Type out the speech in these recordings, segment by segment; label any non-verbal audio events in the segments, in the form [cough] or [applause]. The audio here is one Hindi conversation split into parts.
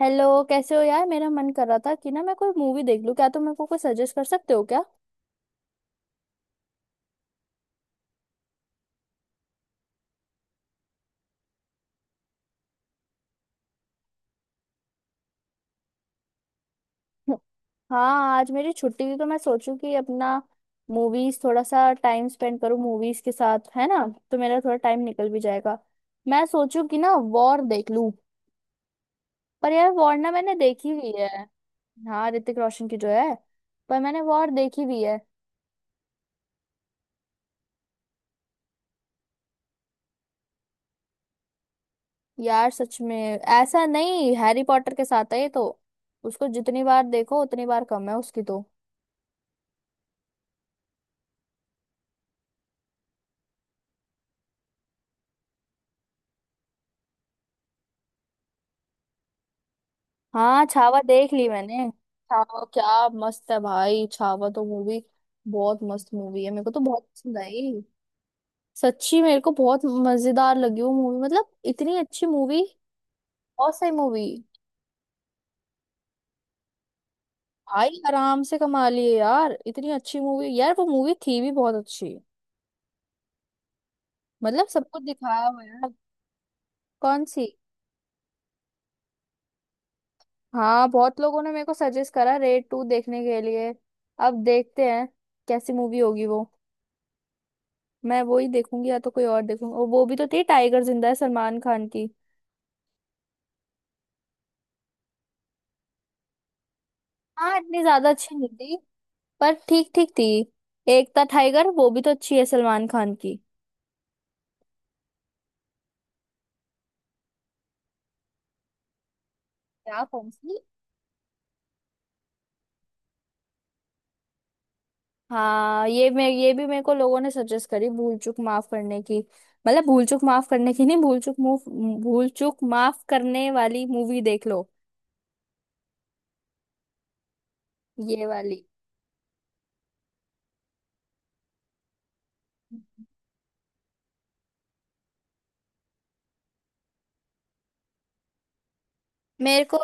हेलो। कैसे हो यार? मेरा मन कर रहा था कि ना मैं कोई मूवी देख लूं। क्या तुम मेरे को कोई सजेस्ट कर सकते हो क्या? हाँ, आज मेरी छुट्टी थी, तो मैं सोचूं कि अपना मूवीज थोड़ा सा टाइम स्पेंड करूं मूवीज के साथ, है ना। तो मेरा थोड़ा टाइम निकल भी जाएगा। मैं सोचूं कि ना वॉर देख लूं, पर यार वॉर ना मैंने देखी हुई है। हाँ, ऋतिक रोशन की जो है, पर मैंने वॉर देखी हुई है। यार सच में ऐसा नहीं, हैरी पॉटर के साथ है ये तो, उसको जितनी बार देखो उतनी बार कम है उसकी तो। हाँ, छावा देख ली मैंने। छावा क्या मस्त है भाई, छावा तो मूवी बहुत मस्त मूवी है, मेरे को तो बहुत पसंद आई। सच्ची मेरे को बहुत मजेदार लगी वो मूवी, मतलब इतनी अच्छी मूवी, बहुत सही मूवी। आई आराम से कमा लिए यार, इतनी अच्छी मूवी, यार वो मूवी थी भी बहुत अच्छी। मतलब सब कुछ दिखाया हुआ है यार। कौन सी? हाँ, बहुत लोगों ने मेरे को सजेस्ट करा रेड टू देखने के लिए। अब देखते हैं कैसी मूवी होगी वो। मैं वो ही देखूंगी या तो कोई और देखूंगी। और वो भी तो थी टाइगर जिंदा है, सलमान खान की। हाँ इतनी ज्यादा अच्छी नहीं थी, पर ठीक ठीक थी। एक था टाइगर वो भी तो अच्छी है, सलमान खान की। क्या? कौन सी? हाँ, ये मैं ये भी मेरे को लोगों ने सजेस्ट करी भूल चूक माफ करने की। मतलब भूल चूक माफ करने की नहीं, भूल चूक मूव, भूल चूक माफ करने वाली मूवी देख लो ये वाली। मेरे को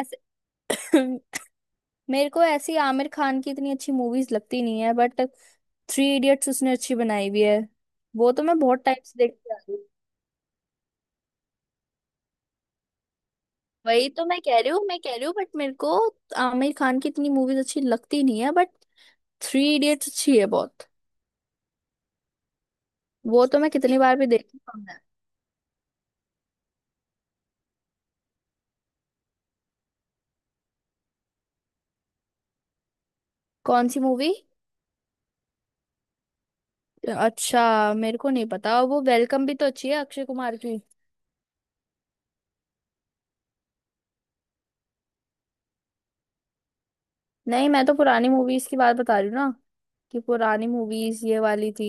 ऐसे [laughs] मेरे को ऐसी आमिर खान की इतनी अच्छी मूवीज लगती नहीं है, बट थ्री इडियट्स उसने अच्छी बनाई हुई है। वो तो मैं बहुत टाइम से देखती आ रही हूँ। वही तो मैं कह रही हूँ, मैं कह रही हूँ, बट मेरे को आमिर खान की इतनी मूवीज अच्छी लगती नहीं है, बट थ्री इडियट्स अच्छी है बहुत। वो तो मैं कितनी बार भी देखती हूँ। कौन सी मूवी? अच्छा, मेरे को नहीं पता। वो वेलकम भी तो अच्छी है, अक्षय कुमार की। नहीं मैं तो पुरानी मूवीज की बात बता रही हूँ ना, कि पुरानी मूवीज ये वाली थी।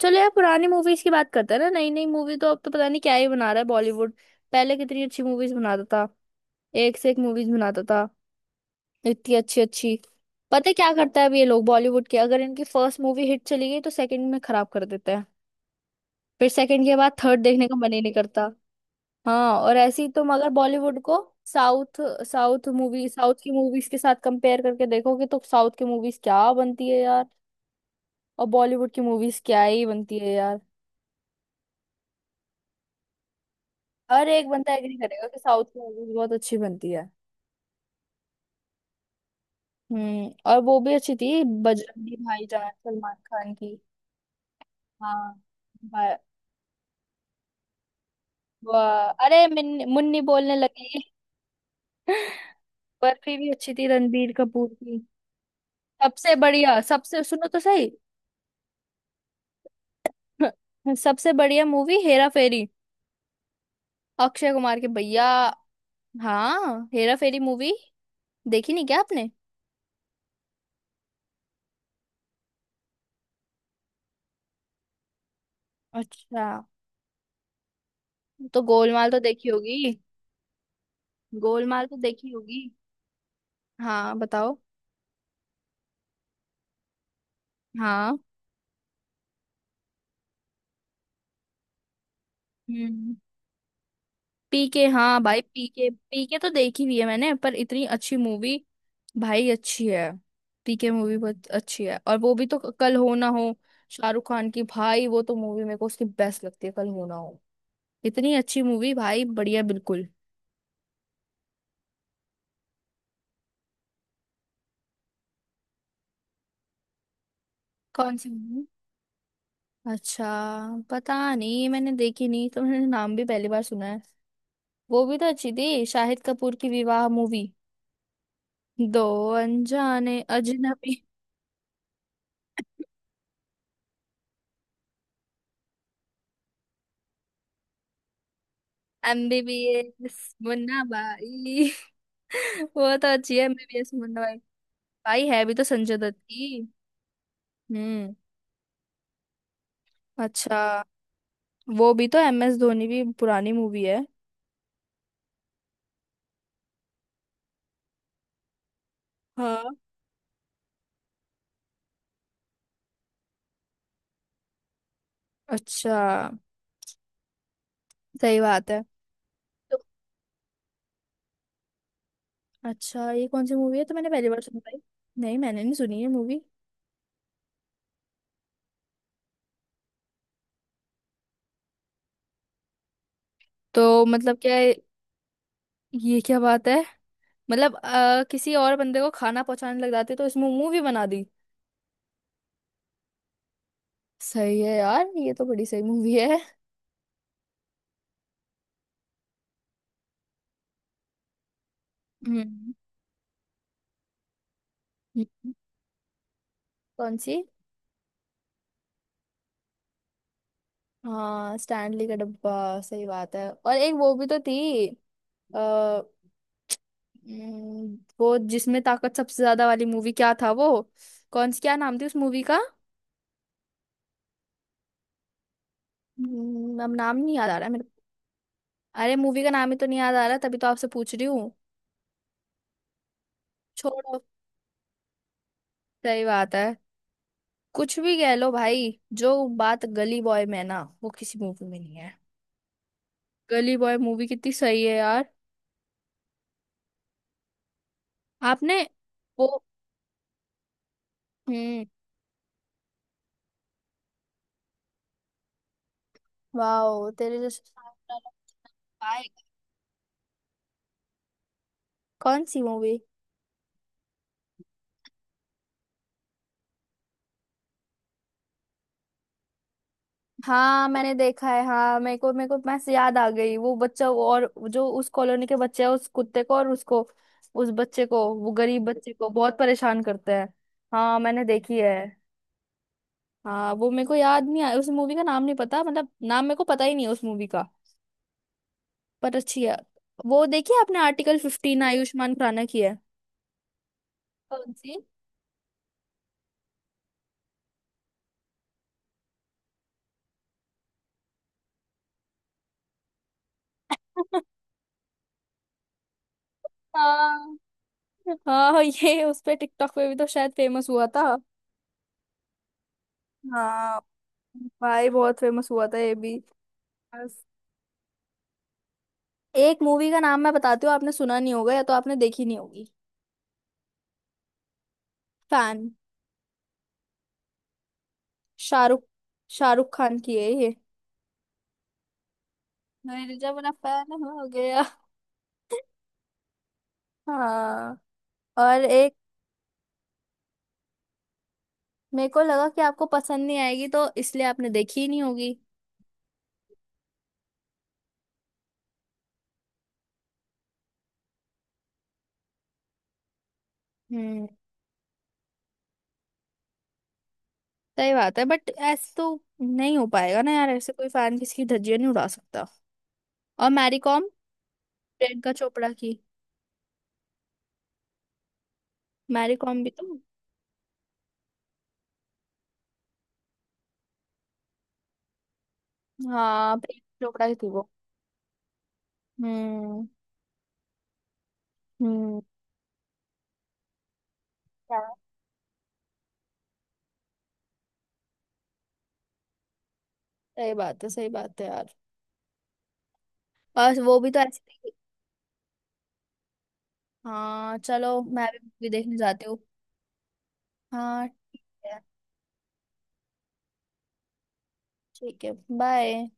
चलो यार पुरानी मूवीज की बात करते हैं ना, नई नई मूवी तो अब तो पता नहीं क्या ही बना रहा है बॉलीवुड। पहले कितनी अच्छी मूवीज बनाता था, एक से एक मूवीज बनाता था, इतनी अच्छी अच्छी। पता है क्या करता है अब ये लोग बॉलीवुड के? अगर इनकी फर्स्ट मूवी हिट चली गई तो सेकंड में खराब कर देते हैं। फिर सेकंड के बाद थर्ड देखने का मन ही नहीं करता। हाँ, और ऐसे ही तुम अगर बॉलीवुड को साउथ साउथ मूवी साउथ की मूवीज के साथ कंपेयर करके देखोगे तो साउथ की मूवीज क्या बनती है यार। और बॉलीवुड की मूवीज क्या ही बनती है यार। हर एक बंदा एग्री करेगा कि साउथ की मूवीज बहुत अच्छी बनती है। हम्म। और वो भी अच्छी थी बजरंगी भाईजान, सलमान खान की। हाँ, वाह, अरे मुन्नी बोलने लगी। [laughs] बर्फी भी अच्छी थी, रणबीर कपूर की। सबसे बढ़िया, सबसे, सुनो तो सही। [laughs] सबसे बढ़िया मूवी हेरा फेरी, अक्षय कुमार के भैया। हाँ हेरा फेरी मूवी, देखी नहीं क्या आपने? अच्छा, तो गोलमाल तो देखी होगी। गोलमाल तो देखी होगी। हाँ बताओ। हाँ। हम्म। पीके, हाँ भाई पीके पीके तो देखी हुई है मैंने, पर इतनी अच्छी मूवी, भाई अच्छी है। पीके मूवी बहुत अच्छी है। और वो भी तो कल हो ना हो, शाहरुख खान की। भाई वो तो मूवी मेरे को उसकी बेस्ट लगती है, कल हो ना हो। इतनी अच्छी मूवी, भाई बढ़िया बिल्कुल। कौन सी मूवी? अच्छा, पता नहीं मैंने देखी नहीं, तो मैंने नाम भी पहली बार सुना है। वो भी तो अच्छी थी, शाहिद कपूर की विवाह मूवी। दो अनजाने अजनबी। एमबीबीएस मुन्ना भाई। वो तो अच्छी है एमबीबीएस मुंडा भाई। भाई है भी तो संजय दत्त की। हम्म। अच्छा। वो भी तो एम एस धोनी भी पुरानी मूवी है। हाँ। अच्छा। सही बात है। तो अच्छा, ये कौन सी मूवी है तो? मैंने पहली बार सुनी भाई, नहीं मैंने नहीं सुनी है मूवी। तो मतलब क्या है? ये क्या बात है? मतलब किसी और बंदे को खाना पहुंचाने लग जाते तो इसमें मूवी बना दी। सही है यार, ये तो बड़ी सही मूवी है। हम्म। हम्म। कौन सी? हाँ स्टैनली का डब्बा, सही बात है। और एक वो भी तो थी, आ, वो जिसमें ताकत सबसे ज्यादा वाली मूवी, क्या था वो? कौन सी, क्या नाम थी उस मूवी का? अब नाम नहीं याद आ रहा है मेरे को। अरे मूवी का नाम ही तो नहीं याद आ रहा, तभी तो आपसे पूछ रही हूँ। छोड़ो। सही बात है। कुछ भी कह लो भाई, जो बात गली बॉय में है ना वो किसी मूवी में नहीं है। गली बॉय मूवी कितनी सही है यार। आपने? वो। हम्म। वाओ, तेरे जैसे सामने वाला पाएगा। कौन सी मूवी? हाँ मैंने देखा है। हाँ, मेरे को मैं से याद आ गई, वो बच्चा, वो और जो उस कॉलोनी के बच्चे हैं, उस कुत्ते को और उसको, उस बच्चे को, वो गरीब बच्चे को बहुत परेशान करते हैं। हाँ मैंने देखी है। हाँ वो मेरे को याद नहीं आया, उस मूवी का नाम नहीं पता, मतलब नाम मेरे को पता ही नहीं है उस मूवी का, पर अच्छी है। वो देखी है आपने आर्टिकल फिफ्टीन? आयुष्मान खुराना की है। कौन सी? [laughs] हाँ। हाँ ये उस पे टिकटॉक पे भी तो शायद फेमस हुआ था। हाँ भाई, बहुत फेमस हुआ था ये भी। एक मूवी का नाम मैं बताती हूँ, आपने सुना नहीं होगा या तो आपने देखी नहीं होगी। फैन, शाहरुख शाहरुख खान की है ये। मेरे जब मेरा फैन हो गया। हाँ और एक, मेरे को लगा कि आपको पसंद नहीं आएगी तो इसलिए आपने देखी ही नहीं होगी। हम्म। सही बात है, बट ऐसे तो नहीं हो पाएगा ना यार, ऐसे कोई फैन किसी की धज्जियां नहीं उड़ा सकता। और मैरी कॉम, प्रियंका चोपड़ा की, मैरी कॉम भी तो। हाँ, प्रियंका चोपड़ा की थी वो। हम्म। हम्म। क्या? सही बात है, सही बात है यार। बस वो भी तो ऐसे ही। हाँ चलो, मैं भी मूवी देखने जाती हूँ। हाँ। ठीक है। बाय।